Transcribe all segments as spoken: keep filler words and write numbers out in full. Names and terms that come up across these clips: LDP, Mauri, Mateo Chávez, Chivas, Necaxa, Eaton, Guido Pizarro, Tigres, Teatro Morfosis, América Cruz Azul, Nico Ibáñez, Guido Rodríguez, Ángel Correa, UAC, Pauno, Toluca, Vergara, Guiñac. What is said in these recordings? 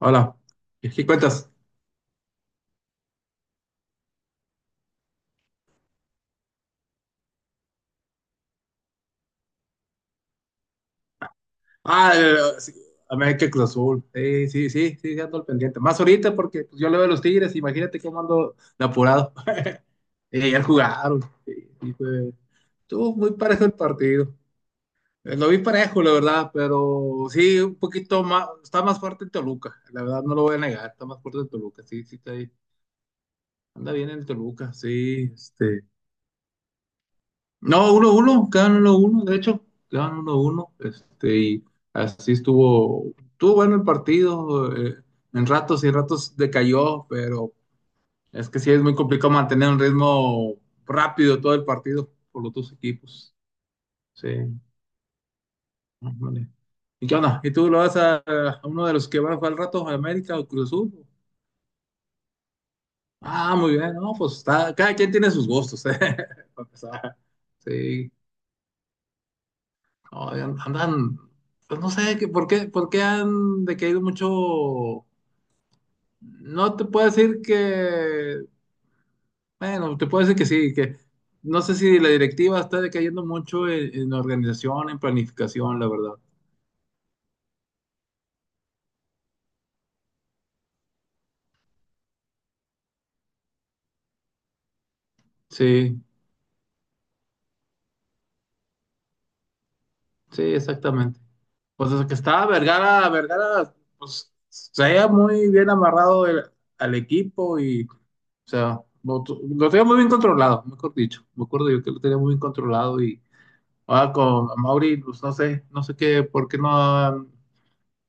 Hola, ¿qué qué cuentas? Ah, eh, sí, América Cruz Azul. Sí, sí, sí, sí, sí, ando al pendiente. Más ahorita porque pues, yo le veo a los Tigres, imagínate cómo ando de apurado. Eh, ayer jugaron. sí, sí, fue- Estuvo muy parejo el partido. Eh, Lo vi parejo, la verdad, pero sí, un poquito más, está más fuerte el Toluca, la verdad no lo voy a negar, está más fuerte el Toluca, sí, sí, está ahí. Anda bien el Toluca, sí, este. No, uno uno, quedan uno uno de hecho, quedan uno uno, este, y así estuvo, estuvo bueno el partido, eh, en ratos y en ratos decayó, pero es que sí es muy complicado mantener un ritmo rápido todo el partido por los dos equipos. Sí, ándale. ¿Y qué onda? ¿Y tú lo vas a, a uno de los que va, va al rato a América o Cruz Azul? Ah, muy bien, no, pues está, cada quien tiene sus gustos, eh, para empezar. Sí. No, an- andan, pues no sé qué, por qué, por qué han decaído mucho. No te puedo decir que, bueno, te puedo decir que sí, que no sé si la directiva está decayendo mucho en, en, organización, en planificación, la verdad. Sí, sí, exactamente. Pues desde que estaba Vergara, Vergara, pues se veía muy bien amarrado el- al equipo y, o sea, lo, tu- lo tenía muy bien controlado, mejor dicho. Me acuerdo yo que lo tenía muy bien controlado y, ah, con Mauri, pues no sé, no sé qué, por qué no han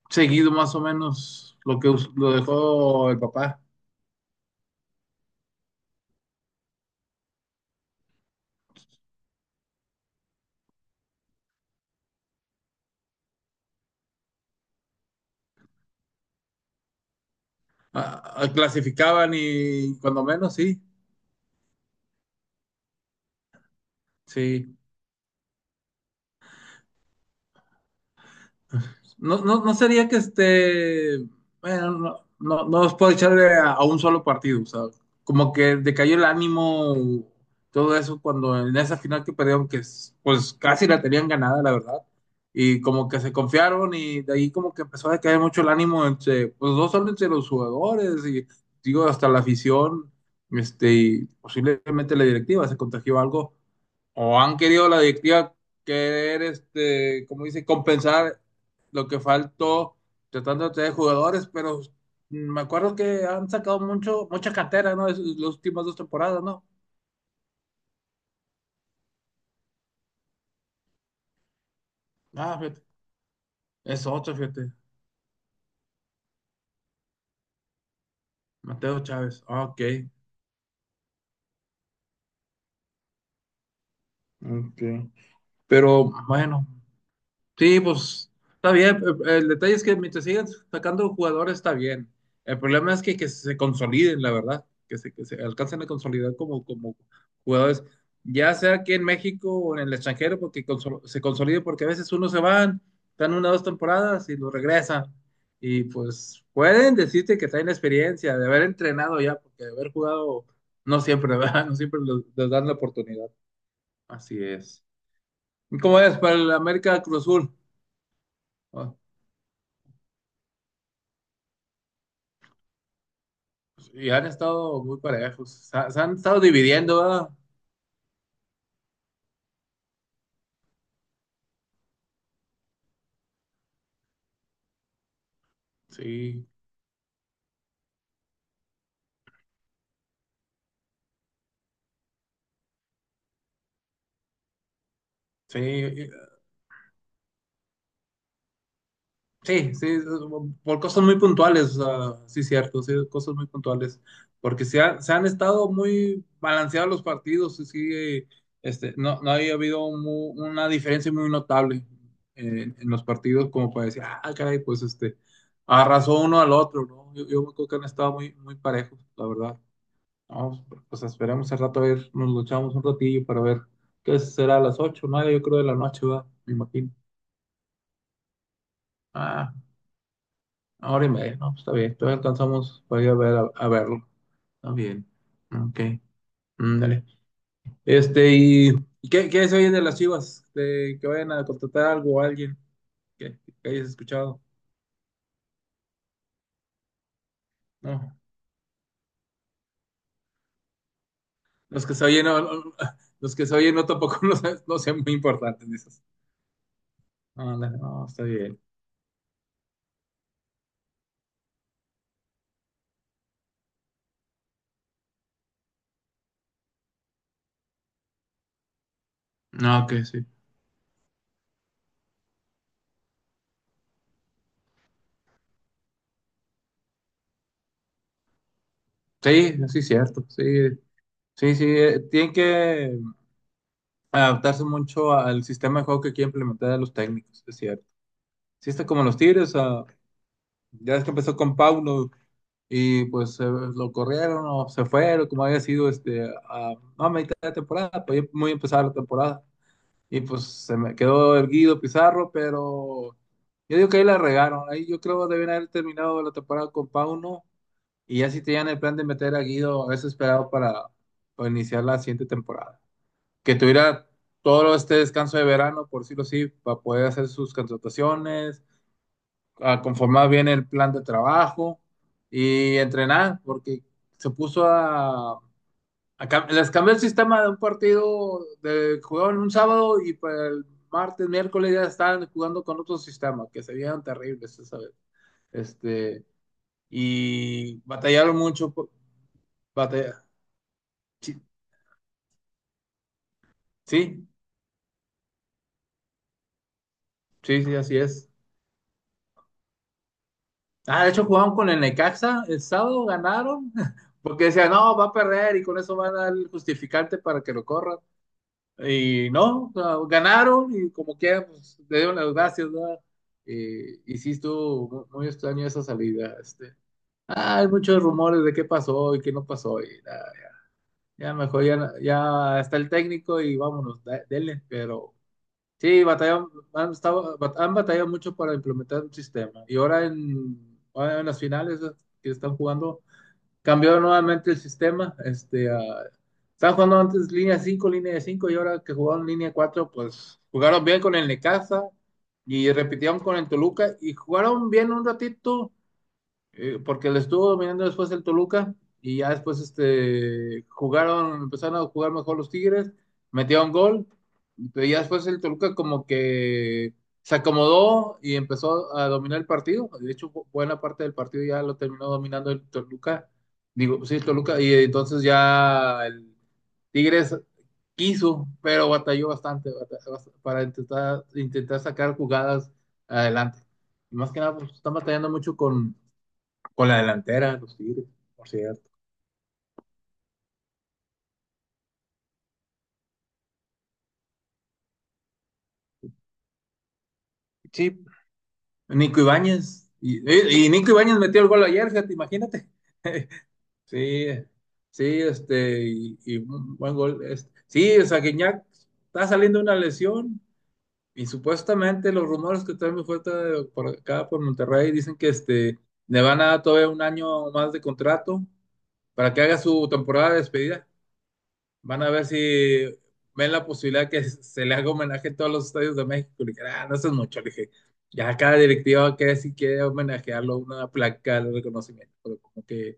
seguido más o menos lo que us- lo dejó el papá. Ah, ah, clasificaban y cuando menos, sí, sí. No, no, no sería que esté. Bueno, no, no, no os puedo echarle a, a un solo partido, o sea, como que decayó el ánimo, todo eso, cuando en esa final que perdieron, que es- pues casi la tenían ganada, la verdad. Y como que se confiaron y de ahí como que empezó a decaer mucho el ánimo entre, pues no solo entre los jugadores y digo hasta la afición, este, y posiblemente la directiva se contagió algo o han querido la directiva querer, este, como dice, compensar lo que faltó tratando de traer jugadores, pero mm, me acuerdo que han sacado mucho, mucha cantera, ¿no? Es- las últimas dos temporadas, ¿no? Ah, fíjate, es otro, fíjate, Mateo Chávez, ah, ok, ok, pero bueno. Sí, pues está bien. El, el detalle es que mientras sigan sacando jugadores está bien. El problema es que, que se consoliden, la verdad, que se, que se alcancen a consolidar como, como jugadores, ya sea aquí en México o en el extranjero, porque consol- se consoliden, porque a veces unos se van, están una o dos temporadas y lo regresan. Y pues pueden decirte que traen experiencia de haber entrenado ya, porque de haber jugado no siempre, ¿verdad? No siempre les, les dan la oportunidad. Así es. ¿Y cómo es para el América Cruz Azul? Ah. Y han estado muy parejos. Se, ha- se han estado dividiendo, ¿verdad? Sí, sí, sí, sí, por cosas muy puntuales, o sea, sí, cierto, sí, cosas muy puntuales. Porque se, ha- se han estado muy balanceados los partidos, y sí, eh, este, no, no había habido mu- una diferencia muy notable en, en, los partidos, como para decir, ah, caray, pues este, arrasó uno al otro, ¿no? Yo, yo me acuerdo que han estado muy, muy parejos, la verdad. Vamos, pues esperemos al rato a ver, nos luchamos un ratillo para ver qué será a las ocho, o yo creo, de la noche, va, me imagino. Ah, una hora y media, no, pues está bien, todavía alcanzamos para ir a ver, a, a verlo. Está bien, ok, mm, dale. Este, ¿y ¿y qué, qué se oye de las Chivas? De que vayan a contratar algo o alguien que, que hayas escuchado. No, los que se oyen, no, no, los que se oyen no tampoco, no, son- no sean muy importantes, dices. No, no, está bien. No, que sí. Sí, sí, es cierto. Sí, sí, sí, eh, tienen que adaptarse mucho a- al sistema de juego que quieren implementar a los técnicos, es cierto. Sí, está como los Tigres, ah, ya es que empezó con Pauno y pues, eh, lo corrieron o se fue, como había sido, este, a, a mitad de temporada, pues ya muy empezada la temporada. Y pues se me quedó el Guido Pizarro, pero yo digo que ahí la regaron. Ahí yo creo que deben haber terminado la temporada con Pauno y ya si tenían el plan de meter a Guido, es esperado para, para iniciar la siguiente temporada. Que tuviera todo este descanso de verano, por decirlo así, para poder hacer sus contrataciones, a conformar bien el plan de trabajo y entrenar, porque se puso a, a cam- les cambió el sistema de un partido de jugaban un sábado y para el martes, miércoles ya estaban jugando con otro sistema, que se veían terribles esa vez. Este, y batallaron mucho, por- batalla- sí, sí, sí, sí, así es. Ah, de hecho jugaron con el Necaxa el sábado, ganaron, porque decían, no, va a perder y con eso van a dar el justificante para que lo corran. Y no, o sea, ganaron y como quieran, pues le dieron las gracias, ¿verdad? Eh, y sí estuvo mu- muy extraño esa salida. Este. Ah, hay muchos rumores de qué pasó y qué no pasó. Y nada, ya, ya mejor ya, ya está el técnico y vámonos, da- denle, pero sí, batallan, han, estado- bat- han batallado mucho para implementar un sistema. Y ahora en, ahora en, las finales que están jugando, cambió nuevamente el sistema. Este, ah, estaban jugando antes línea cinco línea de cinco y ahora que jugaron línea cuatro, pues jugaron bien con el Necaxa y repitieron con el Toluca y jugaron bien un ratito, eh, porque le estuvo dominando después el Toluca y ya después, este, jugaron, empezaron a jugar mejor los Tigres, metieron gol, y ya después el Toluca como que se acomodó y empezó a dominar el partido, de hecho bu- buena parte del partido ya lo terminó dominando el Toluca, digo, sí, el Toluca, y entonces ya el Tigres quiso, pero batalló bastante, bata- bast- para intentar, intentar, sacar jugadas adelante. Y más que nada, pues, están batallando mucho con con la delantera, los Tigres, por cierto. Sí, Nico Ibáñez. Y, y- y Nico Ibáñez metió el gol ayer, fíjate, imagínate. Sí, sí, este, y, y un buen gol. Este. Sí, o sea, Guiñac está saliendo de una lesión y supuestamente los rumores que traen muy fuerte de- por acá, por Monterrey, dicen que, este, le van a dar todavía un año más de contrato para que haga su temporada de despedida. Van a ver si ven la posibilidad que se le haga homenaje a todos los estadios de México. Le dije, ah, no, eso es mucho. Le dije, ya cada directiva que si quiere homenajearlo, una placa de reconocimiento, pero como que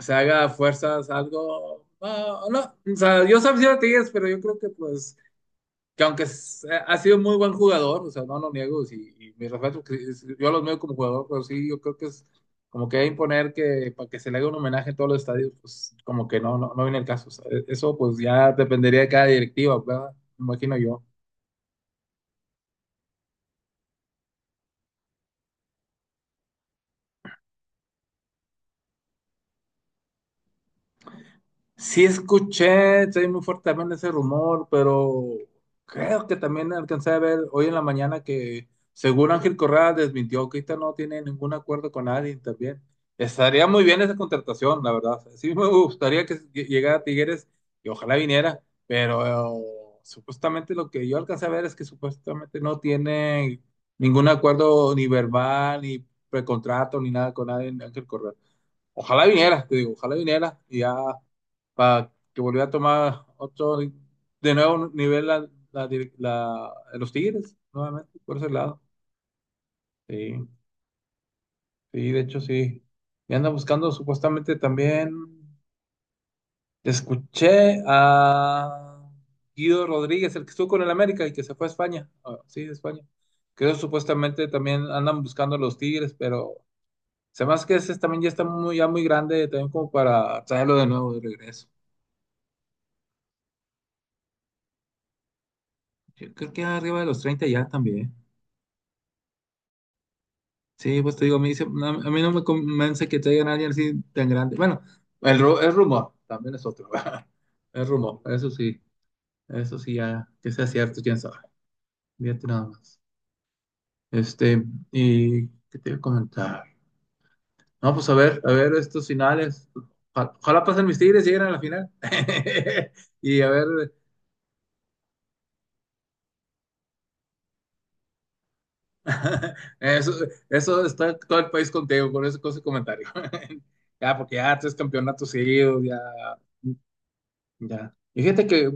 se haga a fuerzas algo. Ah, no, o sea, yo sabía de Tigres, pero yo creo que pues, que aunque es- ha sido muy buen jugador, o sea, no lo niego, sí, y mis respetos, que es- yo los veo como jugador, pero sí, yo creo que es como que imponer que para que se le haga un homenaje en todos los estadios, pues como que no, no, no viene el caso, o sea, e-, eso pues ya dependería de cada directiva, ¿verdad? Me imagino yo. Sí escuché, soy muy fuerte también ese rumor, pero creo que también alcancé a ver hoy en la mañana que según Ángel Correa desmintió que ahorita no tiene ningún acuerdo con nadie también. Estaría muy bien esa contratación, la verdad. Sí me gustaría que llegara Tigres y ojalá viniera, pero, eh, supuestamente lo que yo alcancé a ver es que supuestamente no tiene ningún acuerdo ni verbal, ni precontrato, ni nada con nadie Ángel Correa. Ojalá vinieras, te digo, ojalá vinieras y ya para que volviera a tomar otro, de nuevo un nivel la, la, dir- la- los Tigres, nuevamente, por ese lado. Sí, sí, de hecho sí. Y anda buscando supuestamente también, escuché a Guido Rodríguez, el que estuvo con el América y que se fue a España. Ah, sí, a España. Creo supuestamente también andan buscando a los Tigres, pero se me hace que ese también ya está muy, ya muy grande, también como para traerlo de nuevo de regreso. Yo creo que arriba de los treinta ya también. Sí, pues te digo, me dice, no, a mí no me convence que traigan a alguien así tan grande. Bueno, el, ru- el rumor también es otro. ¿Verdad? El rumor, eso sí, eso sí, ya que sea cierto, quién sabe. Fíjate nada más. Este, ¿y qué te voy a comentar? No, pues a ver, a ver estos finales. Ojalá, ojalá pasen mis tigres, lleguen a la final. Y a ver. Eso, eso está todo el país contigo con ese, con ese comentario. Ya, porque ya tres campeonatos seguidos, ya, ya. Y fíjate que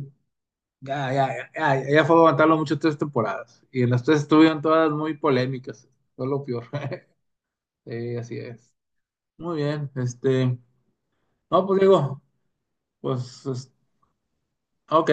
ya, ya, ya, ya, ya fue aguantarlo mucho tres temporadas. Y en las tres estuvieron todas muy polémicas. Fue lo peor. Sí, así es. Muy bien, este. No, pues digo, pues, es- ok.